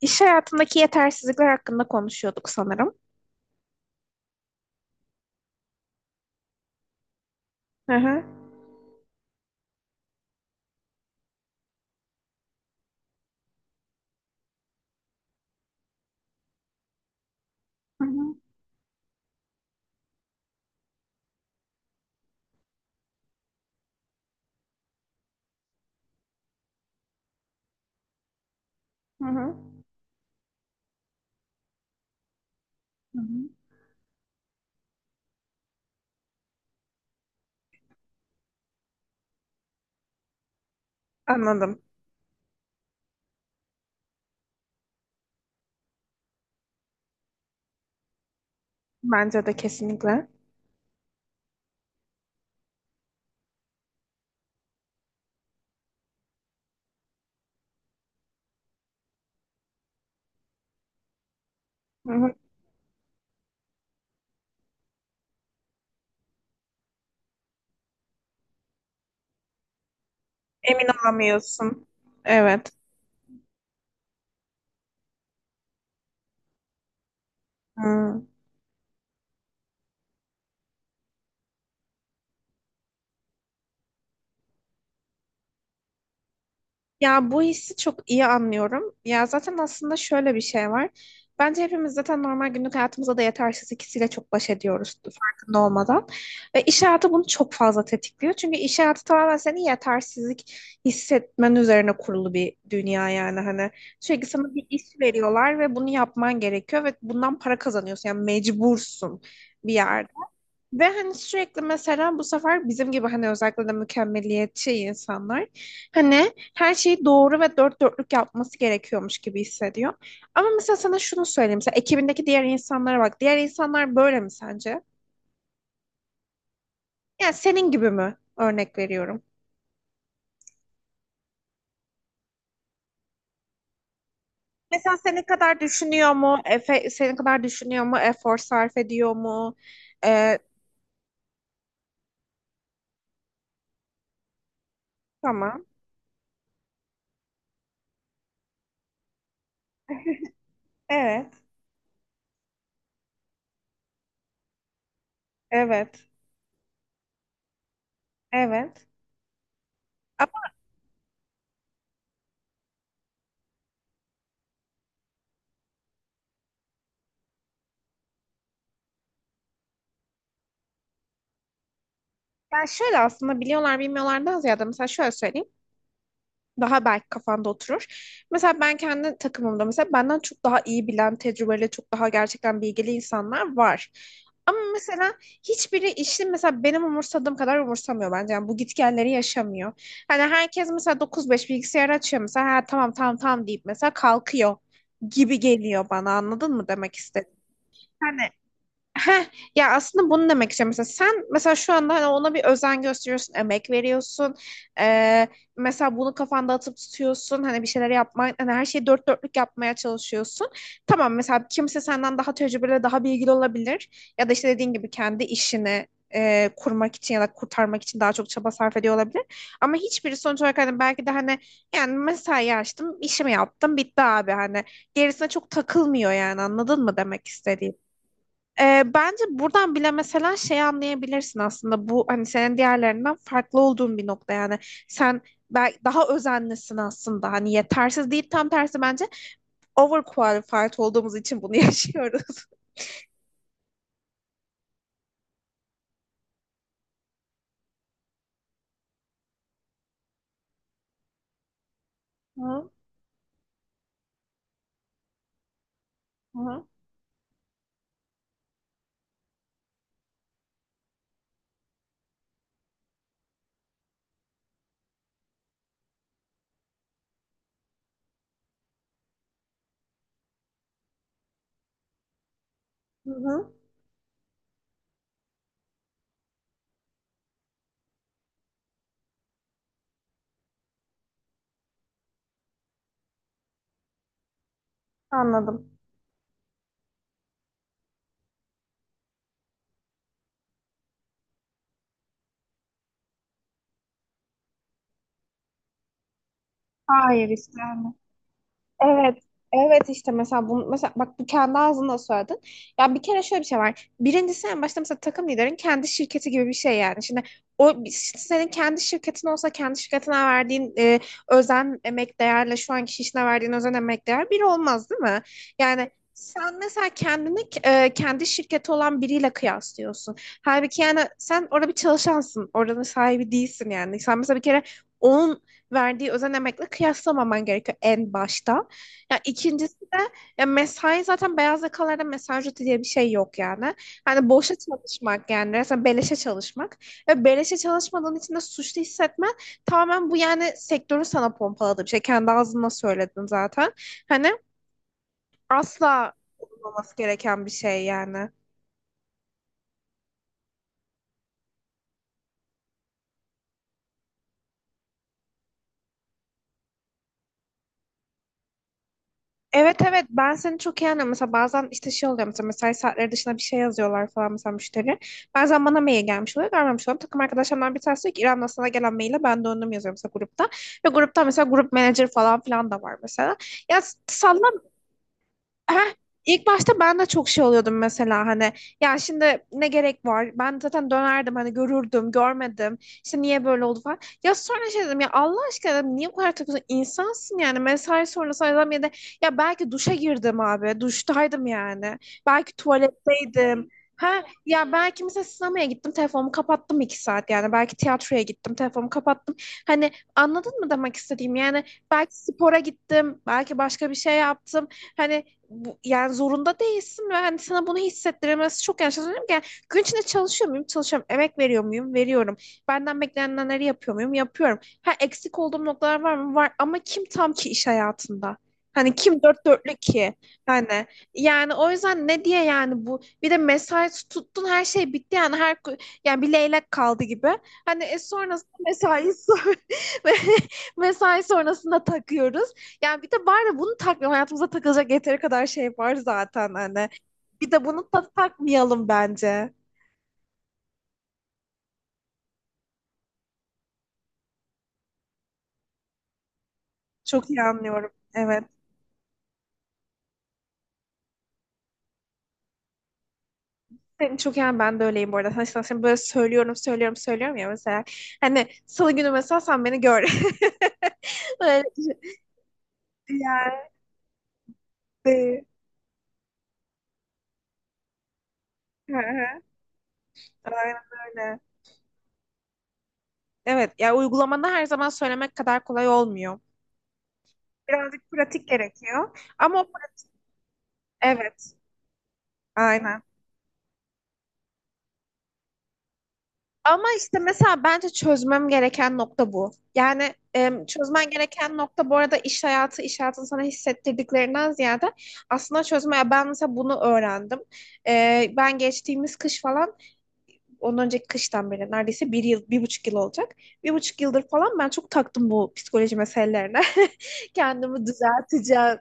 İş hayatındaki yetersizlikler hakkında konuşuyorduk sanırım. Hı hı. Hı hı. Hı hı. Hı hı. Anladım. Bence de kesinlikle. Hı hı. Emin olamıyorsun. Evet. Hı. Ya bu hissi çok iyi anlıyorum. Ya zaten aslında şöyle bir şey var. Bence hepimiz zaten normal günlük hayatımızda da yetersiz ikisiyle çok baş ediyoruz farkında olmadan. Ve iş hayatı bunu çok fazla tetikliyor. Çünkü iş hayatı tamamen seni yetersizlik hissetmen üzerine kurulu bir dünya yani. Hani sürekli sana bir iş veriyorlar ve bunu yapman gerekiyor ve bundan para kazanıyorsun. Yani mecbursun bir yerde. Ve hani sürekli mesela bu sefer bizim gibi hani özellikle de mükemmeliyetçi insanlar hani her şeyi doğru ve dört dörtlük yapması gerekiyormuş gibi hissediyor. Ama mesela sana şunu söyleyeyim. Mesela ekibindeki diğer insanlara bak. Diğer insanlar böyle mi sence? Yani senin gibi mi? Örnek veriyorum. Mesela senin kadar düşünüyor mu? Efe, senin kadar düşünüyor mu? Efor sarf ediyor mu? Ee, tamam. Evet. Evet. Evet. Ama yani şöyle aslında biliyorlar bilmiyorlardan ziyade mesela şöyle söyleyeyim. Daha belki kafanda oturur. Mesela ben kendi takımımda mesela benden çok daha iyi bilen, tecrübeli, çok daha gerçekten bilgili insanlar var. Ama mesela hiçbiri işi mesela benim umursadığım kadar umursamıyor bence. Yani bu gitgelleri yaşamıyor. Hani herkes mesela 9-5 bilgisayar açıyor mesela ha, tamam tamam tamam deyip mesela kalkıyor gibi geliyor bana anladın mı demek istedim. Heh, ya aslında bunu demek istiyorum. Mesela sen mesela şu anda hani ona bir özen gösteriyorsun, emek veriyorsun. Ee, Mesela bunu kafanda atıp tutuyorsun. Hani bir şeyler yapmaya, hani her şeyi dört dörtlük yapmaya çalışıyorsun. Tamam mesela kimse senden daha tecrübeli, daha bilgili olabilir. Ya da işte dediğin gibi kendi işini kurmak için ya da kurtarmak için daha çok çaba sarf ediyor olabilir. Ama hiçbiri sonuç olarak hani belki de hani yani mesai açtım, işimi yaptım, bitti abi hani. Gerisine çok takılmıyor yani anladın mı demek istediğimi? Bence buradan bile mesela şey anlayabilirsin aslında bu hani senin diğerlerinden farklı olduğun bir nokta yani sen belki daha özenlisin aslında hani yetersiz değil tam tersi bence overqualified olduğumuz için bunu yaşıyoruz. Hı hı. Hı hı. Anladım. Hayır işte. Hani. Evet. Evet işte mesela bunu mesela bak bu kendi ağzında söyledin. Ya bir kere şöyle bir şey var. Birincisi en başta mesela takım liderin kendi şirketi gibi bir şey yani. Şimdi o işte senin kendi şirketin olsa kendi şirketine verdiğin özen emek değerle şu anki işine verdiğin özen emek değer bir olmaz değil mi? Yani sen mesela kendini kendi şirketi olan biriyle kıyaslıyorsun. Halbuki yani sen orada bir çalışansın. Oranın sahibi değilsin yani. Sen mesela bir kere onun verdiği özen emekle kıyaslamaman gerekiyor en başta. Ya ikincisi de ya mesai zaten beyaz yakalarda mesai ücreti diye bir şey yok yani. Hani boşa çalışmak yani resmen beleşe çalışmak ve beleşe çalışmadığın için de suçlu hissetmen tamamen bu yani sektörün sana pompaladığı bir şey. Kendi ağzından söyledin zaten. Hani asla olmaması gereken bir şey yani. Evet evet ben seni çok iyi anlıyorum. Mesela bazen işte şey oluyor mesela mesai saatleri dışında bir şey yazıyorlar falan mesela müşteri. Bazen bana mail gelmiş oluyor görmemiş oluyorum. Takım arkadaşlarımdan bir tanesi diyor ki İrem'den sana gelen maile ben döndüm yazıyorum mesela grupta. Ve grupta mesela grup manager falan filan da var mesela. Ya salla. Heh, ilk başta ben de çok şey oluyordum mesela hani ya şimdi ne gerek var ben zaten dönerdim hani görürdüm görmedim işte niye böyle oldu falan ya sonra şey dedim ya Allah aşkına dedim, niye bu kadar takıyorsun insansın yani mesai sonrası adam ya da ya belki duşa girdim abi duştaydım yani belki tuvaletteydim ha ya belki mesela sinemaya gittim telefonumu kapattım iki saat yani belki tiyatroya gittim telefonumu kapattım hani anladın mı demek istediğim yani belki spora gittim belki başka bir şey yaptım. Hani bu, yani zorunda değilsin ve hani sana bunu hissettiremez çok yanlış anlıyorum ki yani gün içinde çalışıyor muyum çalışıyorum emek veriyor muyum veriyorum benden beklenenleri yapıyor muyum yapıyorum ha eksik olduğum noktalar var mı var ama kim tam ki iş hayatında hani kim dört dörtlük ki hani yani o yüzden ne diye yani bu bir de mesai tuttun her şey bitti yani her yani bir leylek kaldı gibi hani sonrasında mesai ve mesai sonrasında takıyoruz yani bir de var ya bunu takmayalım. Hayatımıza takılacak yeteri kadar şey var zaten hani. Bir de bunu da takmayalım bence. Çok iyi anlıyorum. Evet. Senin çok yani ben de öyleyim bu arada. Hani sana sen böyle söylüyorum, söylüyorum, söylüyorum ya mesela. Hani salı günü mesela sen beni gör. Böyle yani. Hı hı. Aynen öyle. Evet, ya uygulamada her zaman söylemek kadar kolay olmuyor. Birazcık pratik gerekiyor. Ama o evet, aynen. Ama işte mesela bence çözmem gereken nokta bu. Yani çözmen gereken nokta bu arada iş hayatı, iş hayatının sana hissettirdiklerinden ziyade aslında çözmeye ben mesela bunu öğrendim. Ben geçtiğimiz kış falan, ondan önceki kıştan beri neredeyse bir yıl, bir buçuk yıl olacak. Bir buçuk yıldır falan ben çok taktım bu psikoloji meselelerine. Kendimi düzelteceğim.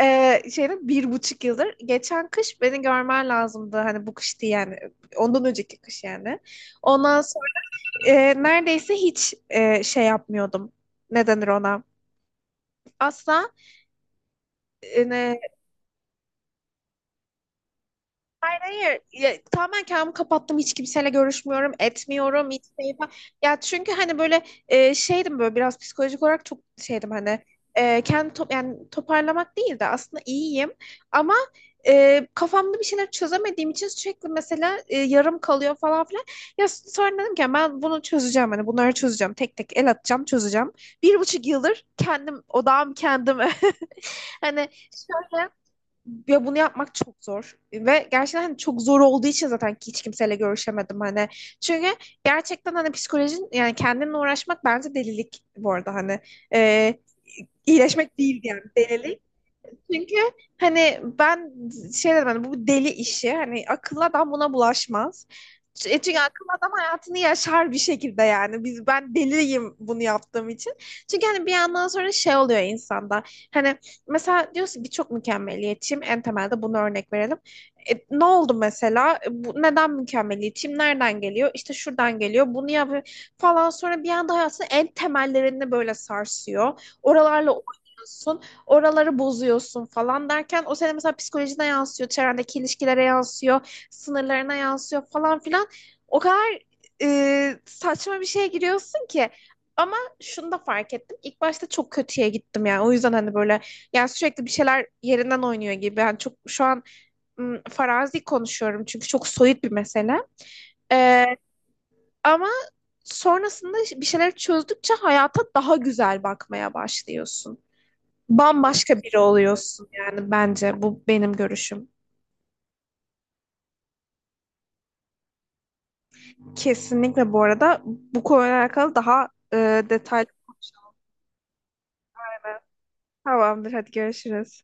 Şeyde bir buçuk yıldır. Geçen kış beni görmen lazımdı. Hani bu kış değil yani. Ondan önceki kış yani. Ondan neredeyse hiç şey yapmıyordum. Ne denir ona? Asla e, Hayır, ya, tamamen kendimi kapattım. Hiç kimseyle görüşmüyorum, etmiyorum. Hiç şey falan. Ya çünkü hani böyle şeydim böyle biraz psikolojik olarak çok şeydim hani kendi yani toparlamak değil de aslında iyiyim. Ama kafamda bir şeyler çözemediğim için sürekli mesela yarım kalıyor falan filan. Ya sonra dedim ki ben bunu çözeceğim hani bunları çözeceğim. Tek tek el atacağım, çözeceğim. Bir buçuk yıldır kendim odağım kendime. Hani şöyle ya bunu yapmak çok zor ve gerçekten hani çok zor olduğu için zaten hiç kimseyle görüşemedim hani. Çünkü gerçekten hani psikolojin yani kendinle uğraşmak bence delilik bu arada hani. Ee, iyileşmek değil yani delilik. Çünkü hani ben şey dedim hani bu deli işi hani akıllı adam buna bulaşmaz. Çünkü akıllı adam hayatını yaşar bir şekilde yani. Biz ben deliyim bunu yaptığım için. Çünkü hani bir yandan sonra şey oluyor insanda. Hani mesela diyorsun ki çok mükemmeliyetçiyim. En temelde bunu örnek verelim. Ne oldu mesela? Bu, neden mükemmeliyetçiyim? Nereden geliyor? İşte şuradan geliyor. Bunu yapıyor falan. Sonra bir anda hayatını en temellerini böyle sarsıyor. Oralarla oynuyorsun oraları bozuyorsun falan derken o senin mesela psikolojine yansıyor, çevrendeki ilişkilere yansıyor, sınırlarına yansıyor falan filan. O kadar saçma bir şeye giriyorsun ki. Ama şunu da fark ettim. İlk başta çok kötüye gittim yani. O yüzden hani böyle yani sürekli bir şeyler yerinden oynuyor gibi. Yani çok şu an farazi konuşuyorum çünkü çok soyut bir mesele. Ee, Ama sonrasında bir şeyler çözdükçe hayata daha güzel bakmaya başlıyorsun bambaşka biri oluyorsun yani bence bu benim görüşüm. Kesinlikle bu arada bu konuyla alakalı daha detaylı. Tamamdır hadi görüşürüz.